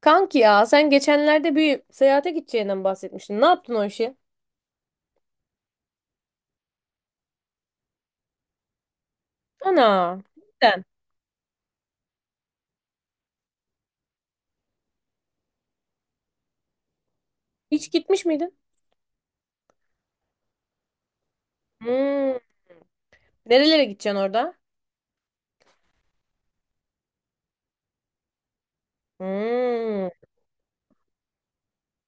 Kanki ya sen geçenlerde bir seyahate gideceğinden bahsetmiştin. Ne yaptın o işi? Ana. Neden? Hiç gitmiş miydin? Hmm. Nerelere gideceksin orada? Hmm.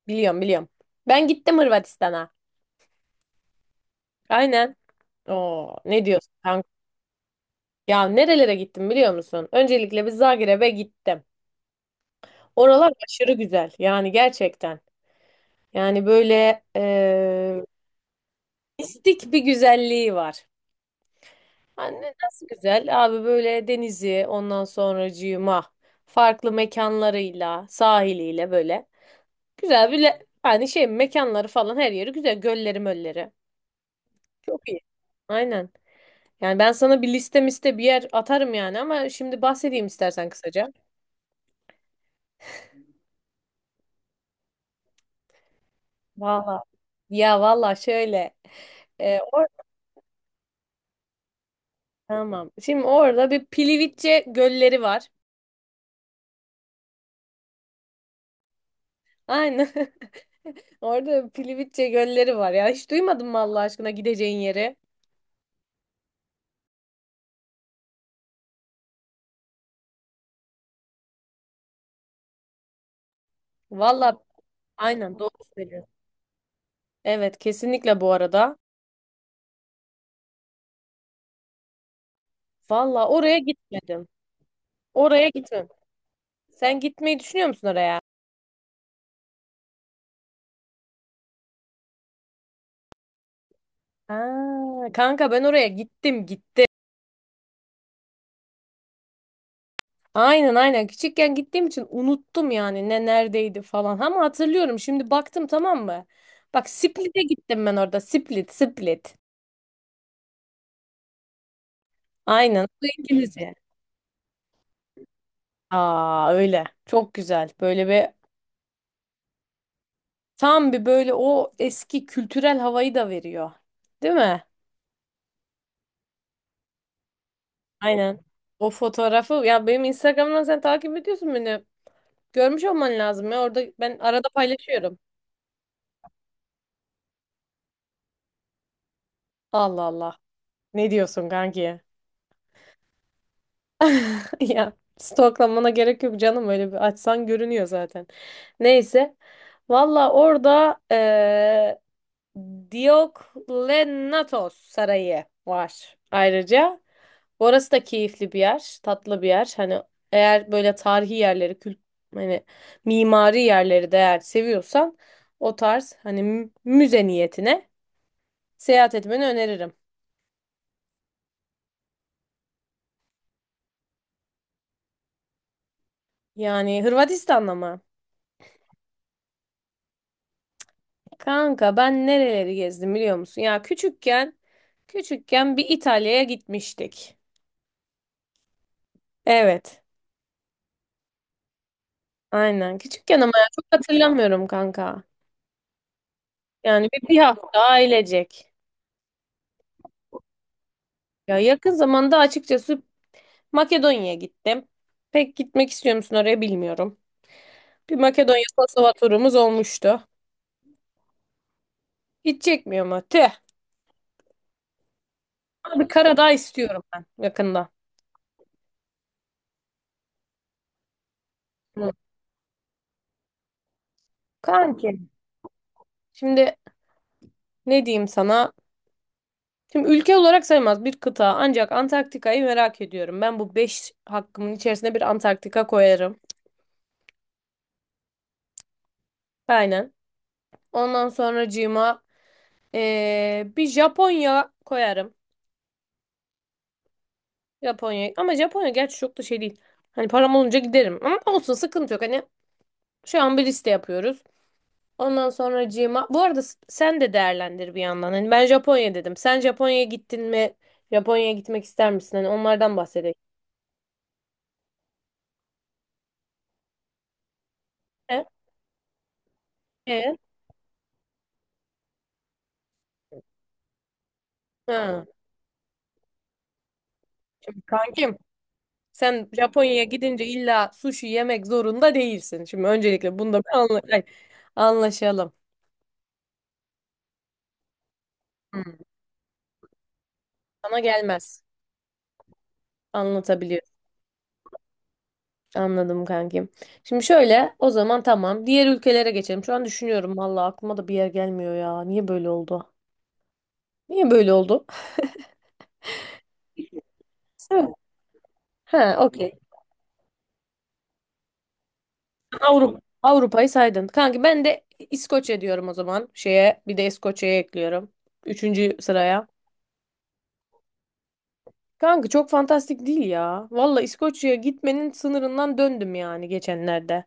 Biliyorum biliyorum. Ben gittim Hırvatistan'a. Aynen. Oo, ne diyorsun kanka? Ya nerelere gittim biliyor musun? Öncelikle bir Zagreb'e gittim. Oralar aşırı güzel. Yani gerçekten. Yani böyle mistik bir güzelliği var. Anne nasıl güzel. Abi böyle denizi, ondan sonracığıma farklı mekanlarıyla, sahiliyle, böyle güzel bir yani şey mekanları falan, her yeri güzel. Gölleri mölleri. Çok iyi. Aynen. Yani ben sana bir liste miste bir yer atarım yani, ama şimdi bahsedeyim istersen kısaca. Valla. Ya valla şöyle. Or Tamam. Şimdi orada bir Pilivitçe gölleri var. Aynen. Orada Pilivitçe gölleri var ya. Hiç duymadın mı Allah aşkına gideceğin yeri? Valla aynen doğru söylüyorsun. Evet, kesinlikle bu arada. Valla oraya gitmedim. Oraya gitmem. Sen gitmeyi düşünüyor musun oraya? Aa, kanka ben oraya gittim gittim. Aynen aynen, küçükken gittiğim için unuttum yani ne neredeydi falan. Ama hatırlıyorum, şimdi baktım, tamam mı? Bak, Split'e gittim ben orada. Split Split. Aynen, bu İngilizce. Aa, öyle. Çok güzel. Böyle bir Tam bir, böyle o eski kültürel havayı da veriyor. Değil mi? Aynen. O fotoğrafı ya, benim Instagram'dan sen takip ediyorsun beni. Görmüş olman lazım ya. Orada ben arada paylaşıyorum. Allah Allah. Ne diyorsun kanki? Ya, stoklamana gerek yok canım, öyle bir açsan görünüyor zaten. Neyse. Valla orada Dioklenatos Sarayı var ayrıca. Orası da keyifli bir yer, tatlı bir yer. Hani eğer böyle tarihi yerleri, hani mimari yerleri de eğer seviyorsan, o tarz hani müze niyetine seyahat etmeni öneririm. Yani Hırvatistan'da mı? Kanka ben nereleri gezdim biliyor musun? Ya, küçükken bir İtalya'ya gitmiştik. Evet. Aynen. Küçükken, ama ya çok hatırlamıyorum kanka. Yani bir hafta ailecek. Ya, yakın zamanda açıkçası Makedonya'ya gittim. Pek gitmek istiyor musun oraya bilmiyorum. Bir Makedonya Kosova turumuz olmuştu. Hiç çekmiyor mu? Tüh. Abi, Karadağ istiyorum ben yakında. Hı. Kanki. Şimdi ne diyeyim sana? Şimdi ülke olarak sayılmaz, bir kıta, ancak Antarktika'yı merak ediyorum. Ben bu 5 hakkımın içerisine bir Antarktika koyarım. Aynen. Ondan sonracığıma bir Japonya koyarım. Japonya. Ama Japonya gerçi çok da şey değil. Hani param olunca giderim. Ama olsun, sıkıntı yok. Hani şu an bir liste yapıyoruz. Ondan sonra Cima. Bu arada sen de değerlendir bir yandan. Hani ben Japonya dedim. Sen Japonya'ya gittin mi? Japonya'ya gitmek ister misin? Hani onlardan bahsedelim. E? E? Ha. Şimdi kankim, sen Japonya'ya gidince illa sushi yemek zorunda değilsin. Şimdi öncelikle bunu da bir anlaşalım. Hı. Sana gelmez. Anlatabiliyor. Anladım kankim. Şimdi şöyle o zaman, tamam. Diğer ülkelere geçelim. Şu an düşünüyorum, valla aklıma da bir yer gelmiyor ya. Niye böyle oldu? Niye böyle oldu? Evet. He, okey. Avrupa. Avrupa'yı saydın. Kanki, ben de İskoçya diyorum o zaman. Şeye, bir de İskoçya'ya ekliyorum. Üçüncü sıraya. Kanka, çok fantastik değil ya. Valla İskoçya'ya gitmenin sınırından döndüm yani geçenlerde.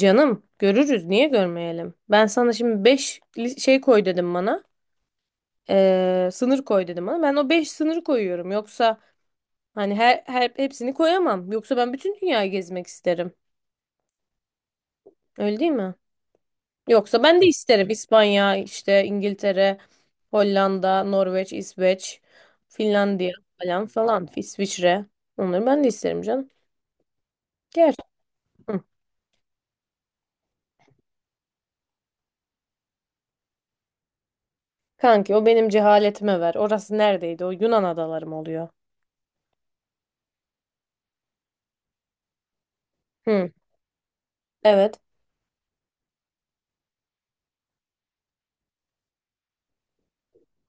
Canım, görürüz, niye görmeyelim? Ben sana şimdi 5 şey koy dedim bana. Sınır koy dedim, ama ben o 5 sınırı koyuyorum. Yoksa hani her hepsini koyamam. Yoksa ben bütün dünyayı gezmek isterim. Öyle değil mi? Yoksa ben de isterim: İspanya, işte İngiltere, Hollanda, Norveç, İsveç, Finlandiya falan falan, İsviçre. Onları ben de isterim canım. Gel. Hı. Kanki, o benim cehaletime ver. Orası neredeydi? O Yunan adaları mı oluyor? Hı. Evet.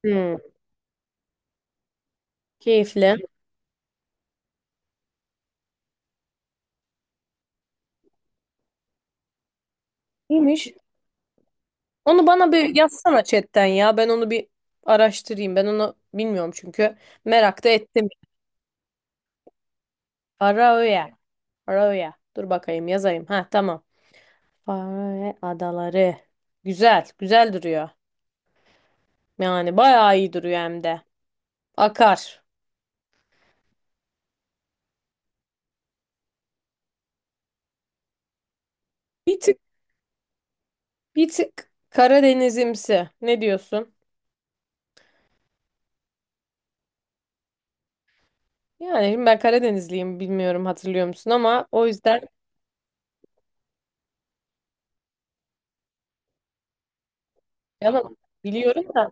Hı. Keyifli. İyiymiş. Onu bana bir yazsana chatten ya. Ben onu bir araştırayım. Ben onu bilmiyorum çünkü. Merak da ettim. Faroe. Faroe. Dur bakayım yazayım. Ha, tamam. Faroe adaları. Güzel. Güzel duruyor. Yani bayağı iyi duruyor hem de. Akar. Bir tık bir tık Karadenizimsi. Ne diyorsun? Yani şimdi ben Karadenizliyim, bilmiyorum hatırlıyor musun, ama o yüzden yalan, biliyorum da.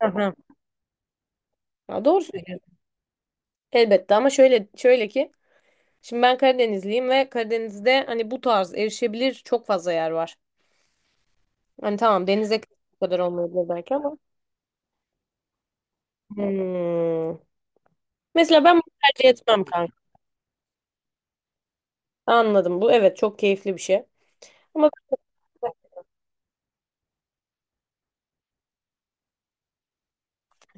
Hı hı. Ya, doğru söylüyorsun. Elbette, ama şöyle ki, şimdi ben Karadenizliyim ve Karadeniz'de hani bu tarz erişebilir çok fazla yer var. Hani tamam, denize bu kadar olmayabilir belki, ama. Hmm. Mesela ben bunu tercih etmem kanka. Anladım, bu evet çok keyifli bir şey. Ama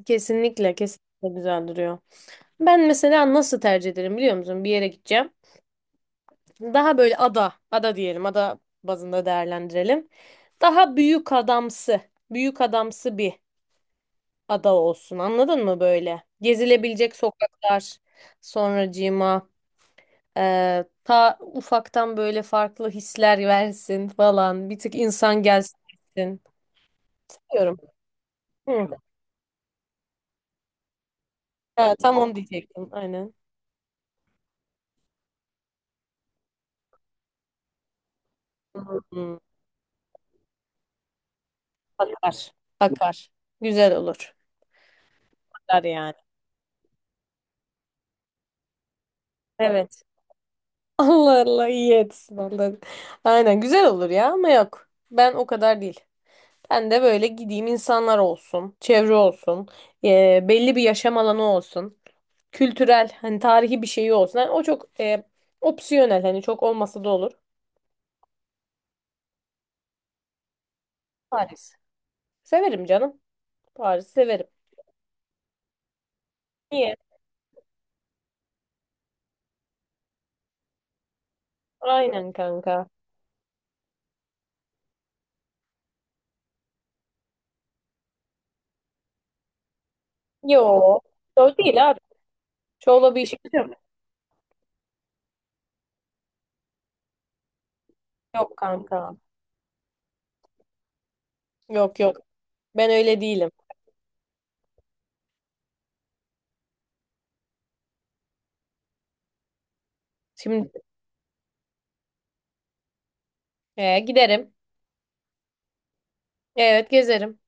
kesinlikle kesinlikle güzel duruyor. Ben mesela nasıl tercih ederim biliyor musun? Bir yere gideceğim. Daha böyle ada, ada diyelim, ada bazında değerlendirelim. Daha büyük adamsı, büyük adamsı bir ada olsun. Anladın mı böyle? Gezilebilecek sokaklar, sonracığıma ta ufaktan böyle farklı hisler versin falan. Bir tık insan gelsin, gitsin. Diyorum. Hı. Ha, tam onu diyecektim. Aynen. Hı. Akar. Akar. Güzel olur. Akar yani. Evet. Allah Allah, iyi etsin Allah. Aynen, güzel olur ya, ama yok. Ben o kadar değil. Ben de böyle gideyim, insanlar olsun, çevre olsun, belli bir yaşam alanı olsun. Kültürel, hani tarihi bir şeyi olsun. Hani o çok opsiyonel, hani çok olmasa da olur. Paris. Severim canım. Paris severim. Niye? Aynen kanka. Yo. Yo değil abi. Şovla bir işimiz yok. Yok kanka. Yok yok. Ben öyle değilim. Şimdi giderim. Evet, gezerim.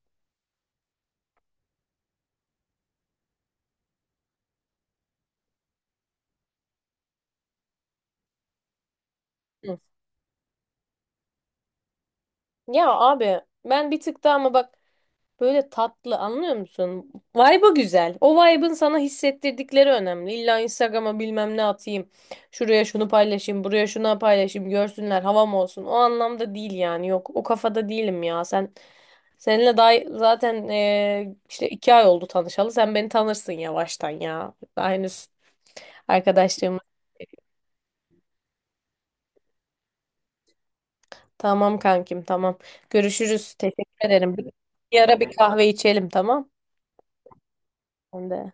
Hı. Ya abi, ben bir tık daha, ama bak, böyle tatlı, anlıyor musun? Vibe'ı güzel. O vibe'ın sana hissettirdikleri önemli. İlla Instagram'a bilmem ne atayım. Şuraya şunu paylaşayım, buraya şunu paylaşayım, görsünler, havam olsun. O anlamda değil yani. Yok, o kafada değilim ya. Seninle daha zaten işte 2 ay oldu tanışalı. Sen beni tanırsın yavaştan ya. Daha henüz arkadaşlığımız. Tamam kankim, tamam. Görüşürüz. Teşekkür ederim. Bir ara bir kahve içelim, tamam. Ben de.